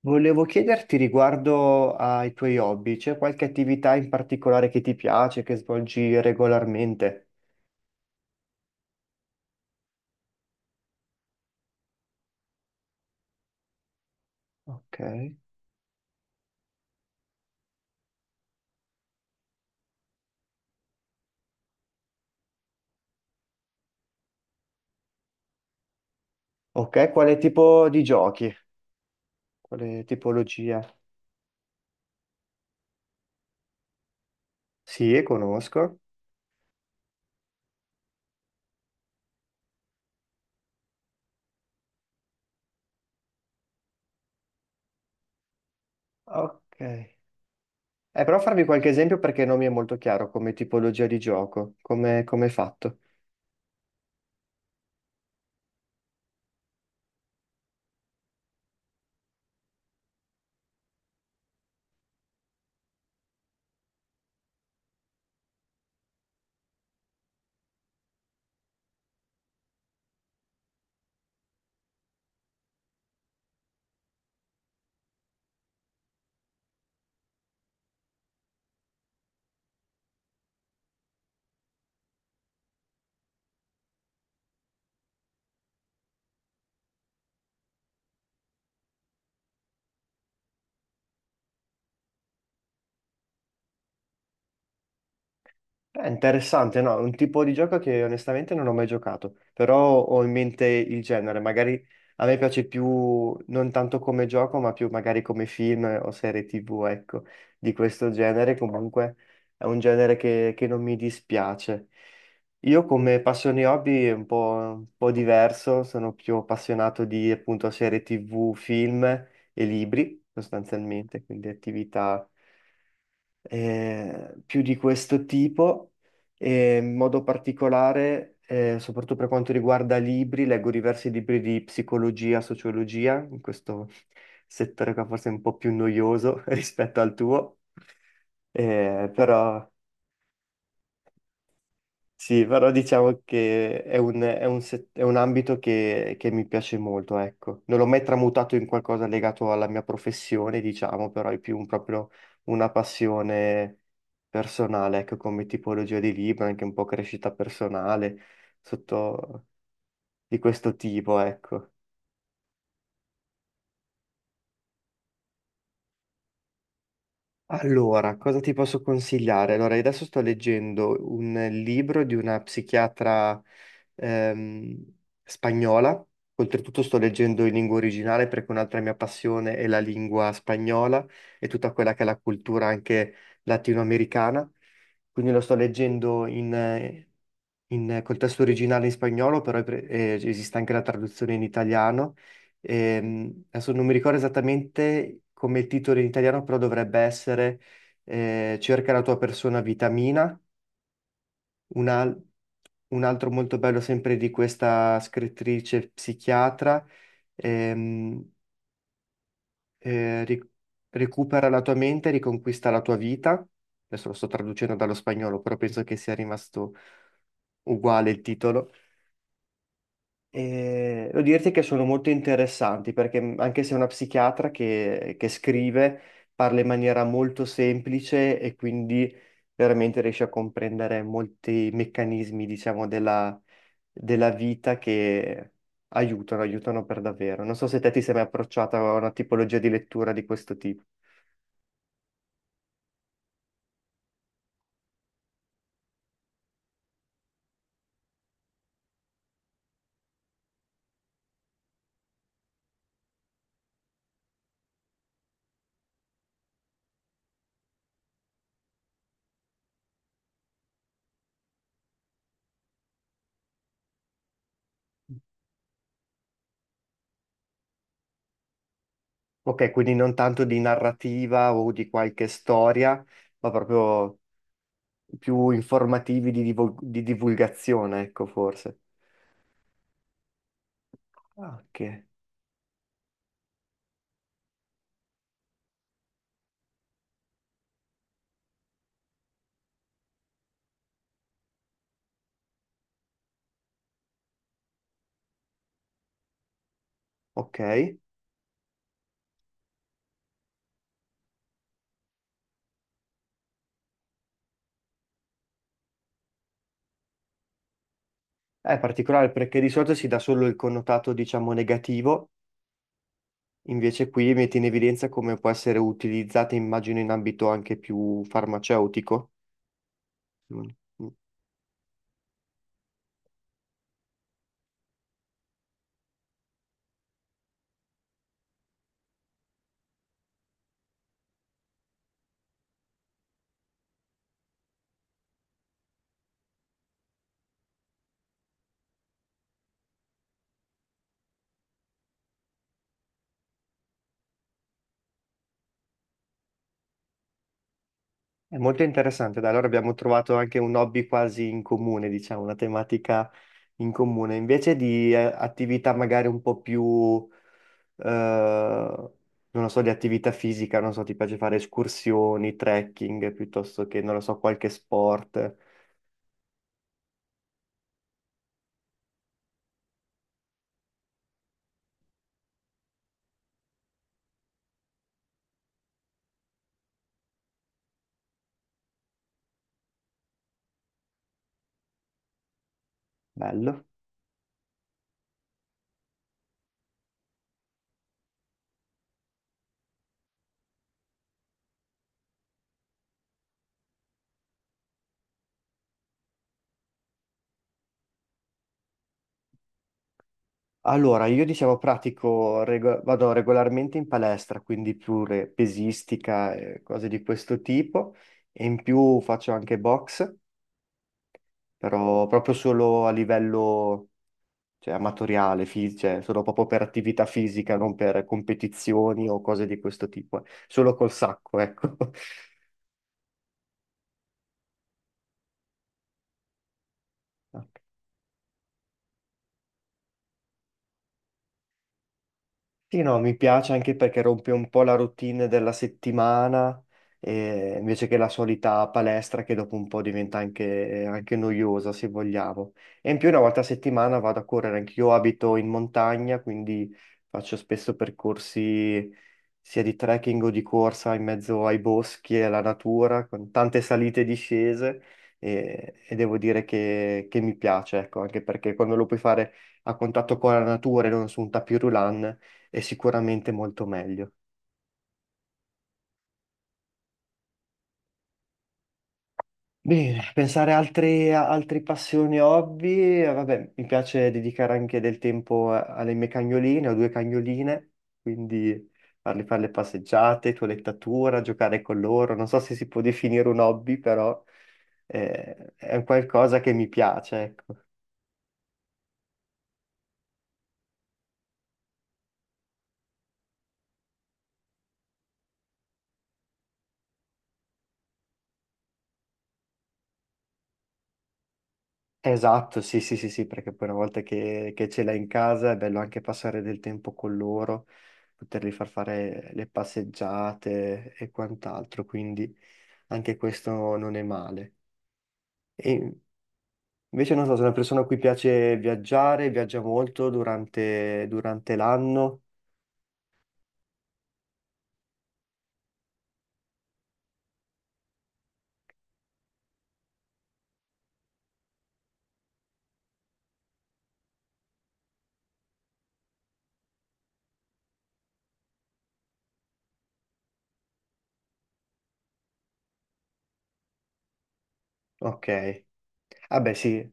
Volevo chiederti riguardo ai tuoi hobby, c'è qualche attività in particolare che ti piace, che svolgi regolarmente? Ok. Ok, quale tipo di giochi? Quale tipologia? Sì, conosco. Ok. Però farmi qualche esempio perché non mi è molto chiaro come tipologia di gioco, come è fatto. È interessante, no? È un tipo di gioco che onestamente non ho mai giocato, però ho in mente il genere. Magari a me piace più, non tanto come gioco, ma più magari come film o serie TV, ecco, di questo genere. Comunque è un genere che non mi dispiace. Io come passioni hobby è un po' diverso, sono più appassionato di appunto serie TV, film e libri, sostanzialmente, quindi attività più di questo tipo e in modo particolare, soprattutto per quanto riguarda libri, leggo diversi libri di psicologia, sociologia, in questo settore qua forse è un po' più noioso rispetto al tuo, eh, però... Sì, però diciamo che è è un è un ambito che mi piace molto, ecco. Non l'ho mai tramutato in qualcosa legato alla mia professione, diciamo, però è più proprio una passione personale, ecco, come tipologia di libro, anche un po' crescita personale, sotto di questo tipo, ecco. Allora, cosa ti posso consigliare? Allora, io adesso sto leggendo un libro di una psichiatra ehm, spagnola. Oltretutto sto leggendo in lingua originale perché un'altra mia passione è la lingua spagnola e tutta quella che è la cultura anche latinoamericana. Quindi lo sto leggendo col testo originale in spagnolo, però esiste anche la traduzione in italiano. Adesso non mi ricordo esattamente come il titolo in italiano, però dovrebbe essere Cerca la tua persona vitamina. Un, al- un altro molto bello sempre di questa scrittrice psichiatra. ehm, eh, ri- Recupera la tua mente, riconquista la tua vita. Adesso lo sto traducendo dallo spagnolo, però penso che sia rimasto uguale il titolo. E devo dirti che sono molto interessanti perché anche se è una psichiatra che scrive, parla in maniera molto semplice e quindi veramente riesce a comprendere molti meccanismi, diciamo, della vita che aiutano per davvero. Non so se te ti sei mai approcciata a una tipologia di lettura di questo tipo. Ok, quindi non tanto di narrativa o di qualche storia, ma proprio più informativi di divulgazione, ecco, forse. Ah, ok. Ok. È particolare perché di solito si dà solo il connotato, diciamo, negativo, invece qui metti in evidenza come può essere utilizzata, immagino, in ambito anche più farmaceutico. Mm. Mm. È molto interessante, dai, allora abbiamo trovato anche un hobby quasi in comune, diciamo, una tematica in comune, invece di attività magari un po' più, eh, non lo so, di attività fisica, non so, ti piace fare escursioni, trekking, piuttosto che, non lo so, qualche sport. Bello. Allora, io diciamo pratico, vado regolarmente in palestra, quindi pure pesistica e cose di questo tipo, e in più faccio anche box, però proprio solo a livello, cioè, amatoriale, cioè, solo proprio per attività fisica, non per competizioni o cose di questo tipo, eh. Solo col sacco, ecco. Sì, no, mi piace anche perché rompe un po' la routine della settimana, invece che la solita palestra che dopo un po' diventa anche noiosa, se vogliamo. E in più una volta a settimana vado a correre, anche io abito in montagna, quindi faccio spesso percorsi sia di trekking o di corsa in mezzo ai boschi e alla natura, con tante salite e discese, e devo dire che mi piace, ecco, anche perché quando lo puoi fare a contatto con la natura e non su un tapirulan è sicuramente molto meglio. Bene, pensare a altre passioni, hobby, vabbè, mi piace dedicare anche del tempo alle mie cagnoline, ho due cagnoline, quindi farle fare le passeggiate, toilettatura, giocare con loro, non so se si può definire un hobby, però è un qualcosa che mi piace, ecco. Esatto, sì, sì, sì, sì, perché poi una volta che ce l'hai in casa è bello anche passare del tempo con loro, poterli far fare le passeggiate e quant'altro, quindi anche questo non è male. E invece non so, sono una persona a cui piace viaggiare, viaggia molto durante l'anno, ok. Vabbè, sì,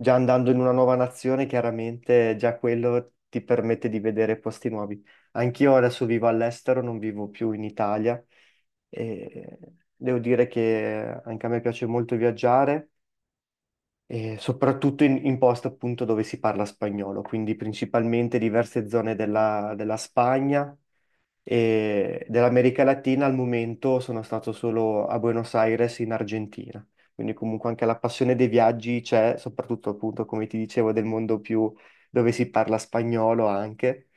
già andando in una nuova nazione, chiaramente già quello ti permette di vedere posti nuovi. Anch'io adesso vivo all'estero, non vivo più in Italia e devo dire che anche a me piace molto viaggiare, e soprattutto in posti appunto dove si parla spagnolo, quindi principalmente diverse zone della Spagna e dell'America Latina. Al momento sono stato solo a Buenos Aires in Argentina. Quindi comunque anche la passione dei viaggi c'è, soprattutto appunto, come ti dicevo, del mondo più dove si parla spagnolo anche.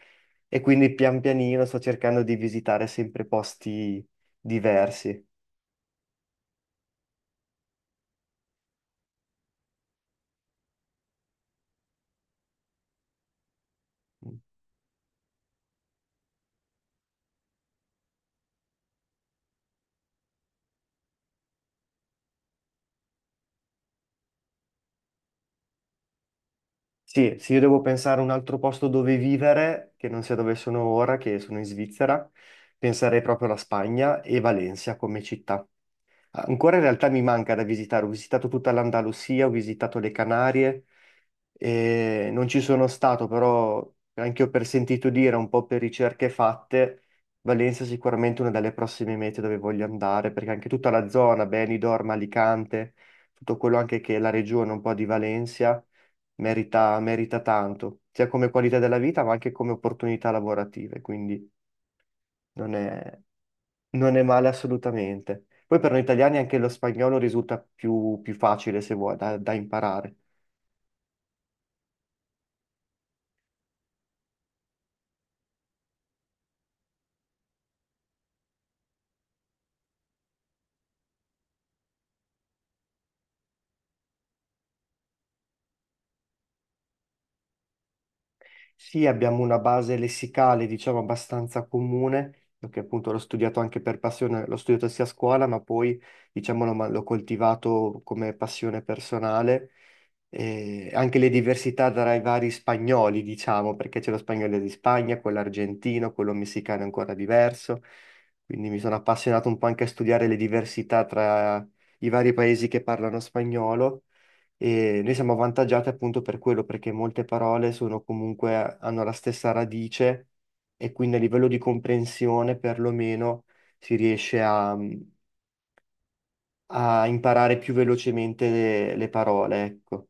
E quindi pian pianino sto cercando di visitare sempre posti diversi. Sì, se io devo pensare a un altro posto dove vivere, che non sia dove sono ora, che sono in Svizzera, penserei proprio alla Spagna e Valencia come città. Ancora in realtà mi manca da visitare, ho visitato tutta l'Andalusia, ho visitato le Canarie, e non ci sono stato, però anche io per sentito dire, un po' per ricerche fatte, Valencia è sicuramente una delle prossime mete dove voglio andare, perché anche tutta la zona, Benidorm, Alicante, tutto quello anche che è la regione un po' di Valencia merita, merita tanto, sia come qualità della vita, ma anche come opportunità lavorative, quindi non è non è male assolutamente. Poi per noi italiani anche lo spagnolo risulta più facile se vuoi da imparare. Sì, abbiamo una base lessicale, diciamo, abbastanza comune, perché appunto l'ho studiato anche per passione, l'ho studiato sia a scuola, ma poi, diciamo, l'ho coltivato come passione personale. E anche le diversità tra i vari spagnoli, diciamo, perché c'è lo spagnolo di Spagna, quello argentino, quello messicano è ancora diverso. Quindi mi sono appassionato un po' anche a studiare le diversità tra i vari paesi che parlano spagnolo e noi siamo avvantaggiati appunto per quello, perché molte parole sono comunque, hanno la stessa radice e quindi a livello di comprensione perlomeno si riesce a imparare più velocemente le parole, ecco.